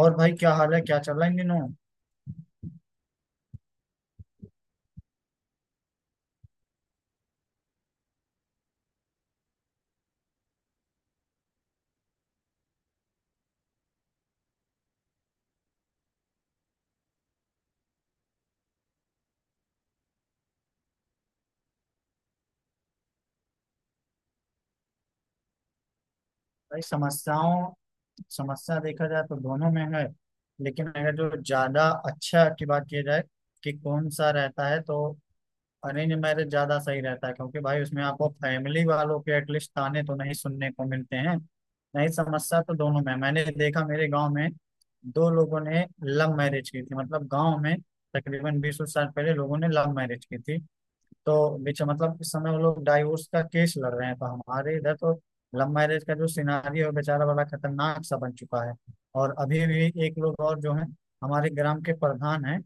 और भाई क्या हाल है क्या चल रहा है इन दिनों। भाई समस्या देखा जाए तो दोनों में है। लेकिन अगर जो ज्यादा अच्छा की बात की जाए कि कौन सा रहता है तो अरेंज मैरिज ज्यादा सही रहता है क्योंकि भाई उसमें आपको फैमिली वालों के एटलीस्ट ताने तो नहीं सुनने को मिलते हैं। नहीं समस्या तो दोनों में है। मैंने देखा मेरे गांव में दो लोगों ने लव मैरिज की थी मतलब गांव में तकरीबन 20 साल पहले लोगों ने लव मैरिज की थी। तो बीच मतलब इस समय वो लोग डाइवोर्स का केस लड़ रहे हैं तो हमारे इधर तो लव मैरिज का जो सिनारियो है बेचारा बड़ा खतरनाक सा बन चुका है। और अभी भी एक लोग और जो है हमारे ग्राम के प्रधान हैं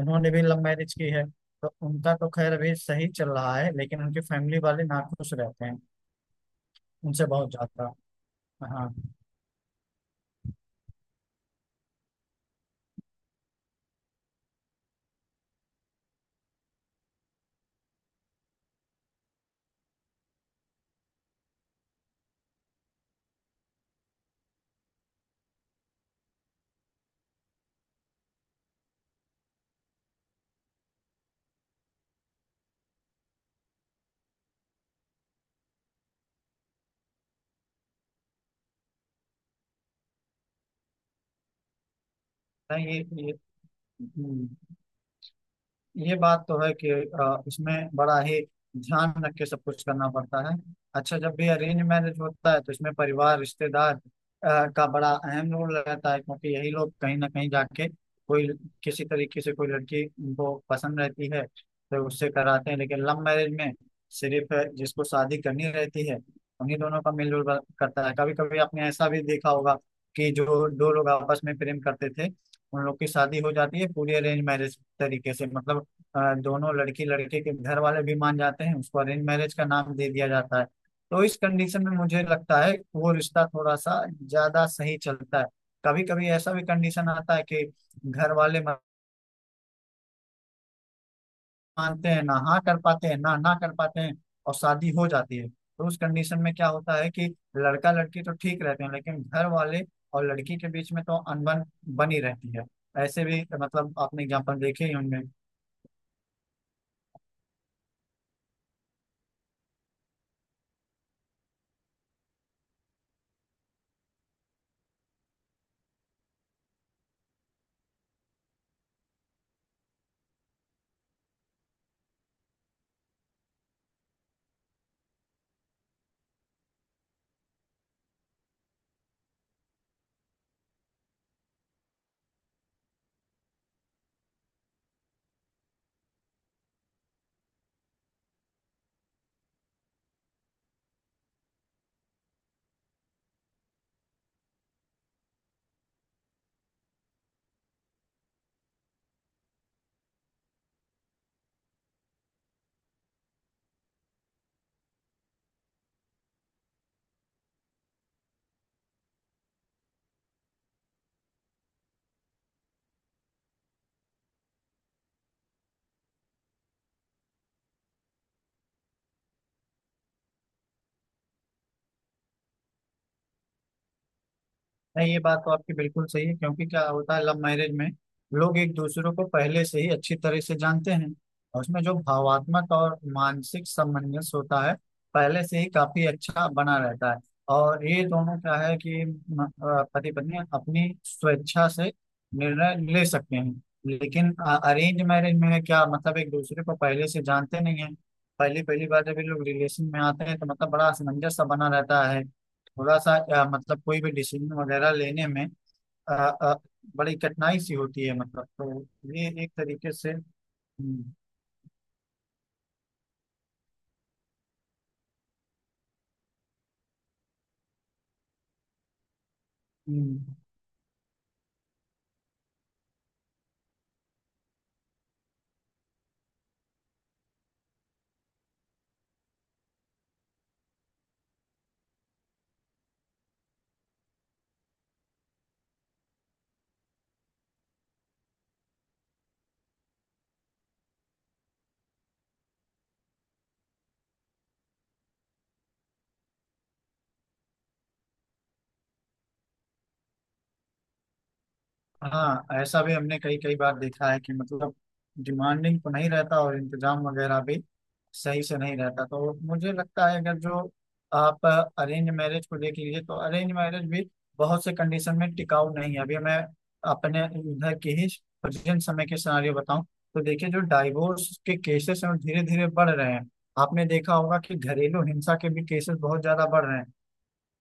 उन्होंने भी लव मैरिज की है। तो उनका तो खैर अभी सही चल रहा है लेकिन उनकी फैमिली वाले नाखुश रहते हैं उनसे बहुत ज्यादा। हाँ। नहीं, ये हम्म, ये बात तो है कि इसमें बड़ा ही ध्यान रख के सब कुछ करना पड़ता है। अच्छा जब भी अरेंज मैरिज होता है तो इसमें परिवार रिश्तेदार का बड़ा अहम रोल रहता है क्योंकि यही लोग कहीं ना कहीं जाके कोई किसी तरीके से कोई लड़की को पसंद रहती है तो उससे कराते हैं लेकिन लव मैरिज में सिर्फ जिसको शादी करनी रहती है उन्हीं दोनों का मेलजोल करता है। कभी कभी आपने ऐसा भी देखा होगा कि जो दो लोग आपस में प्रेम करते थे उन लोग की शादी हो जाती है पूरी अरेंज मैरिज तरीके से मतलब दोनों लड़की लड़के के घर वाले भी मान जाते हैं उसको अरेंज मैरिज का नाम दे दिया जाता है। तो इस कंडीशन में मुझे लगता है कि वो रिश्ता थोड़ा सा ज्यादा सही चलता है। कभी कभी ऐसा भी कंडीशन आता है कि घर वाले मानते हैं ना हाँ कर पाते हैं ना ना कर पाते हैं और शादी हो जाती है तो उस कंडीशन में क्या होता है कि लड़का लड़की तो ठीक रहते हैं लेकिन घर वाले और लड़की के बीच में तो अनबन बनी रहती है। ऐसे भी मतलब आपने एग्जाम्पल देखे ही होंगे। नहीं ये बात तो आपकी बिल्कुल सही है क्योंकि क्या होता है लव मैरिज में लोग एक दूसरे को पहले से ही अच्छी तरह से जानते हैं और उसमें जो भावात्मक और मानसिक सामंजस्य होता है पहले से ही काफी अच्छा बना रहता है और ये दोनों क्या है कि पति पत्नी अपनी स्वेच्छा से निर्णय ले सकते हैं। लेकिन अरेंज मैरिज में है क्या मतलब एक दूसरे को पहले से जानते नहीं है। पहली पहली बार जब ये लोग रिलेशन में आते हैं तो मतलब बड़ा असमंजस सा बना रहता है थोड़ा सा मतलब कोई भी डिसीजन वगैरह लेने में अ, अ, बड़ी कठिनाई सी होती है मतलब तो ये एक तरीके से हम्म, हम्म। हाँ, ऐसा भी हमने कई कई बार देखा है कि मतलब डिमांडिंग तो नहीं रहता और इंतजाम वगैरह भी सही से नहीं रहता तो मुझे लगता है अगर जो आप अरेंज मैरिज को देख लीजिए तो अरेंज मैरिज भी बहुत से कंडीशन में टिकाऊ नहीं है। अभी मैं अपने इधर के ही प्रेजेंट समय के सिनारियो बताऊं तो देखिए जो डाइवोर्स के केसेस हैं धीरे धीरे बढ़ रहे हैं। आपने देखा होगा कि घरेलू हिंसा के भी केसेस बहुत ज्यादा बढ़ रहे हैं।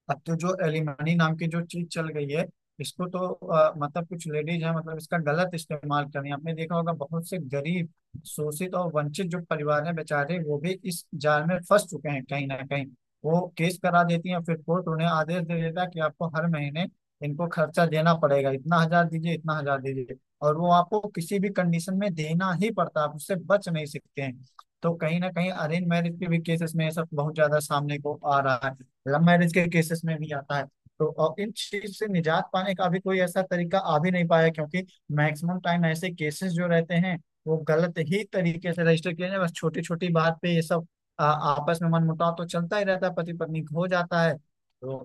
अब तो जो एलिमनी नाम की जो चीज चल गई है इसको तो मतलब कुछ लेडीज हैं मतलब इसका गलत इस्तेमाल कर रही हैं। आपने देखा होगा बहुत से गरीब शोषित और वंचित जो परिवार हैं बेचारे वो भी इस जाल में फंस चुके हैं कहीं ना कहीं। वो केस करा देती हैं फिर कोर्ट उन्हें आदेश दे देता है कि आपको हर महीने इनको खर्चा देना पड़ेगा इतना हजार दीजिए इतना हजार दीजिए। और वो आपको किसी भी कंडीशन में देना ही पड़ता है आप उससे बच नहीं सकते हैं। तो कहीं ना कहीं अरेंज मैरिज के भी केसेस में ये सब बहुत ज्यादा सामने को आ रहा है लव मैरिज के केसेस में भी आता है। तो और इन चीज से निजात पाने का भी कोई ऐसा तरीका आ भी नहीं पाया क्योंकि मैक्सिमम टाइम ऐसे केसेस जो रहते हैं वो गलत ही तरीके से रजिस्टर किए जाते हैं। बस छोटी छोटी बात पे ये सब आपस में मनमुटाव तो चलता ही रहता है पति पत्नी हो जाता है तो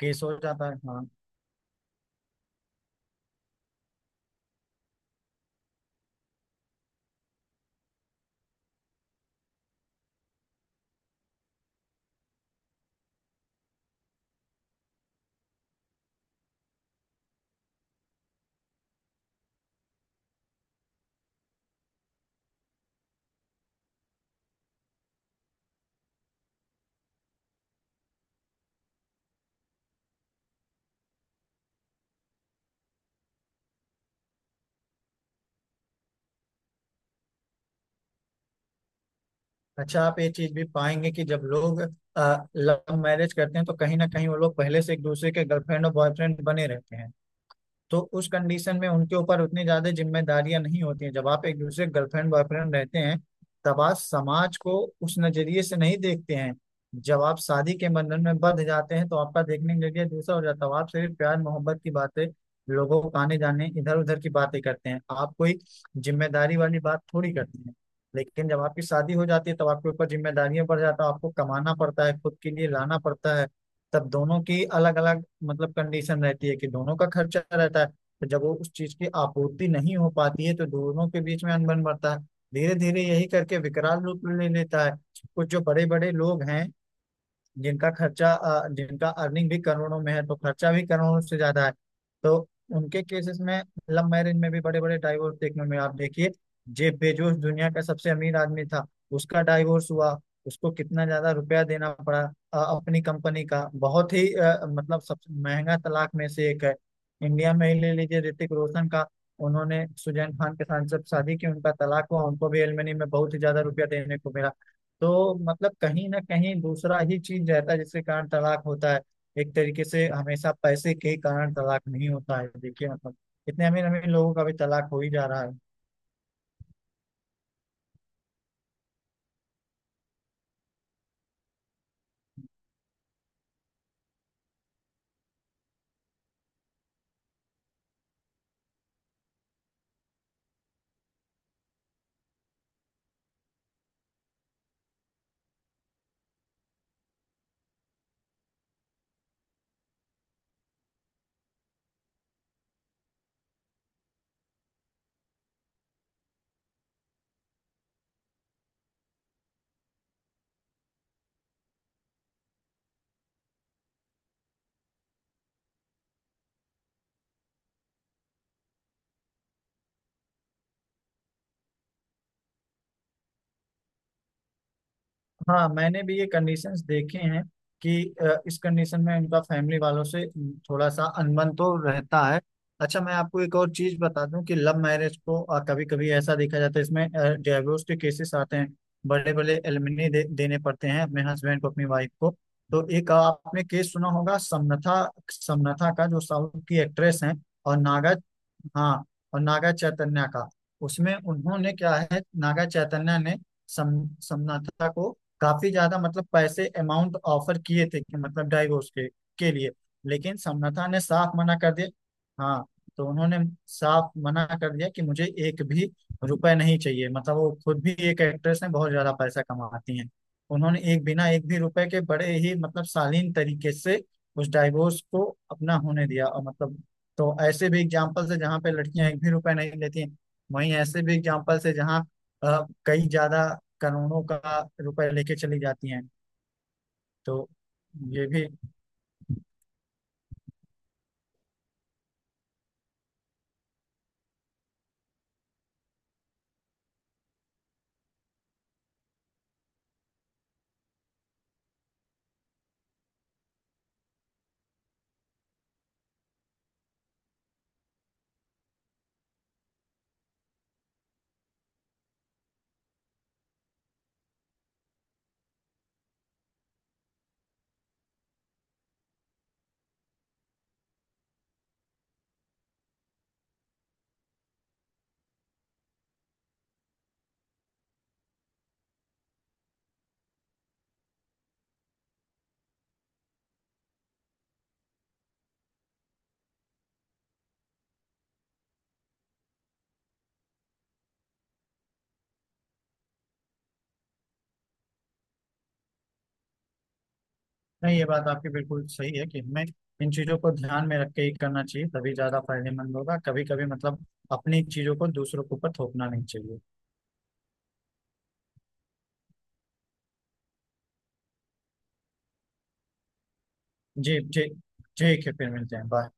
केस हो जाता है। हाँ। अच्छा आप ये चीज भी पाएंगे कि जब लोग लव मैरिज करते हैं तो कहीं ना कहीं वो लोग पहले से एक दूसरे के गर्लफ्रेंड और बॉयफ्रेंड बने रहते हैं। तो उस कंडीशन में उनके ऊपर उतनी ज्यादा जिम्मेदारियां नहीं होती हैं जब आप एक दूसरे गर्लफ्रेंड बॉयफ्रेंड रहते हैं तब आप समाज को उस नजरिए से नहीं देखते हैं। जब आप शादी के बंधन में बंध जाते हैं तो आपका देखने का नजरिया दूसरा हो जाता है आप सिर्फ प्यार मोहब्बत की बातें लोगों को आने जाने इधर उधर की बातें करते हैं आप कोई जिम्मेदारी वाली बात थोड़ी करते हैं। लेकिन जब आपकी शादी हो जाती है तब आपके ऊपर जिम्मेदारियां बढ़ जाता है आपको कमाना पड़ता है खुद के लिए लाना पड़ता है। तब दोनों की अलग अलग मतलब कंडीशन रहती है कि दोनों का खर्चा रहता है तो जब वो उस चीज की आपूर्ति नहीं हो पाती है तो दोनों के बीच में अनबन बढ़ता है। धीरे धीरे यही करके विकराल रूप ले लेता है। कुछ जो बड़े बड़े लोग हैं जिनका खर्चा जिनका अर्निंग भी करोड़ों में है तो खर्चा भी करोड़ों से ज्यादा है। तो उनके केसेस में लव मैरिज में भी बड़े बड़े डाइवोर्स देखने में आप देखिए। जेफ बेजोस दुनिया का सबसे अमीर आदमी था उसका डाइवोर्स हुआ उसको कितना ज्यादा रुपया देना पड़ा। अपनी कंपनी का बहुत ही मतलब सबसे महंगा तलाक में से एक है। इंडिया में ही ले लीजिए ऋतिक रोशन का। उन्होंने सुजैन खान के साथ जब शादी की उनका तलाक हुआ उनको भी एलमनी में बहुत ही ज्यादा रुपया देने को मिला। तो मतलब कहीं ना कहीं दूसरा ही चीज रहता है जिसके कारण तलाक होता है। एक तरीके से हमेशा पैसे के ही कारण तलाक नहीं होता है देखिए मतलब इतने अमीर अमीर लोगों का भी तलाक हो ही जा रहा है। हाँ, मैंने भी ये कंडीशंस देखे हैं कि इस कंडीशन में उनका फैमिली वालों से थोड़ा सा अनबन तो रहता है। अच्छा मैं आपको एक और चीज बता दूं कि लव मैरिज को कभी कभी ऐसा देखा जाता है इसमें डिवोर्स के केसेस आते हैं बड़े बड़े एलिमनी देने पड़ते हैं अपने हस्बैंड को अपनी वाइफ को। तो एक आपने केस सुना होगा समनथा समनथा का जो साउथ की एक्ट्रेस हैं। और नागा हाँ। और नागा चैतन्या का। उसमें उन्होंने क्या है नागा चैतन्या ने समनथा को काफी ज्यादा मतलब पैसे अमाउंट ऑफर किए थे कि मतलब डाइवोर्स के लिए। लेकिन समनाथा ने साफ मना कर दिया। हाँ। तो उन्होंने साफ मना कर दिया कि मुझे एक भी रुपए नहीं चाहिए मतलब वो खुद भी एक एक्ट्रेस हैं बहुत ज्यादा पैसा कमाती हैं। उन्होंने एक बिना एक भी रुपए के बड़े ही मतलब शालीन तरीके से उस डाइवोर्स को अपना होने दिया और मतलब। तो ऐसे भी एग्जाम्पल्स है जहाँ पे लड़कियां एक भी रुपए नहीं लेती हैं वहीं ऐसे भी एग्जाम्पल्स है जहाँ कई ज्यादा करोड़ों का रुपए लेके चली जाती हैं। तो ये भी नहीं ये बात आपकी बिल्कुल सही है कि हमें इन चीजों को ध्यान में रख के ही करना चाहिए तभी ज्यादा फायदेमंद होगा कभी कभी मतलब अपनी चीजों को दूसरों के ऊपर थोपना नहीं चाहिए। जी जी, ठीक है, फिर मिलते हैं, बाय।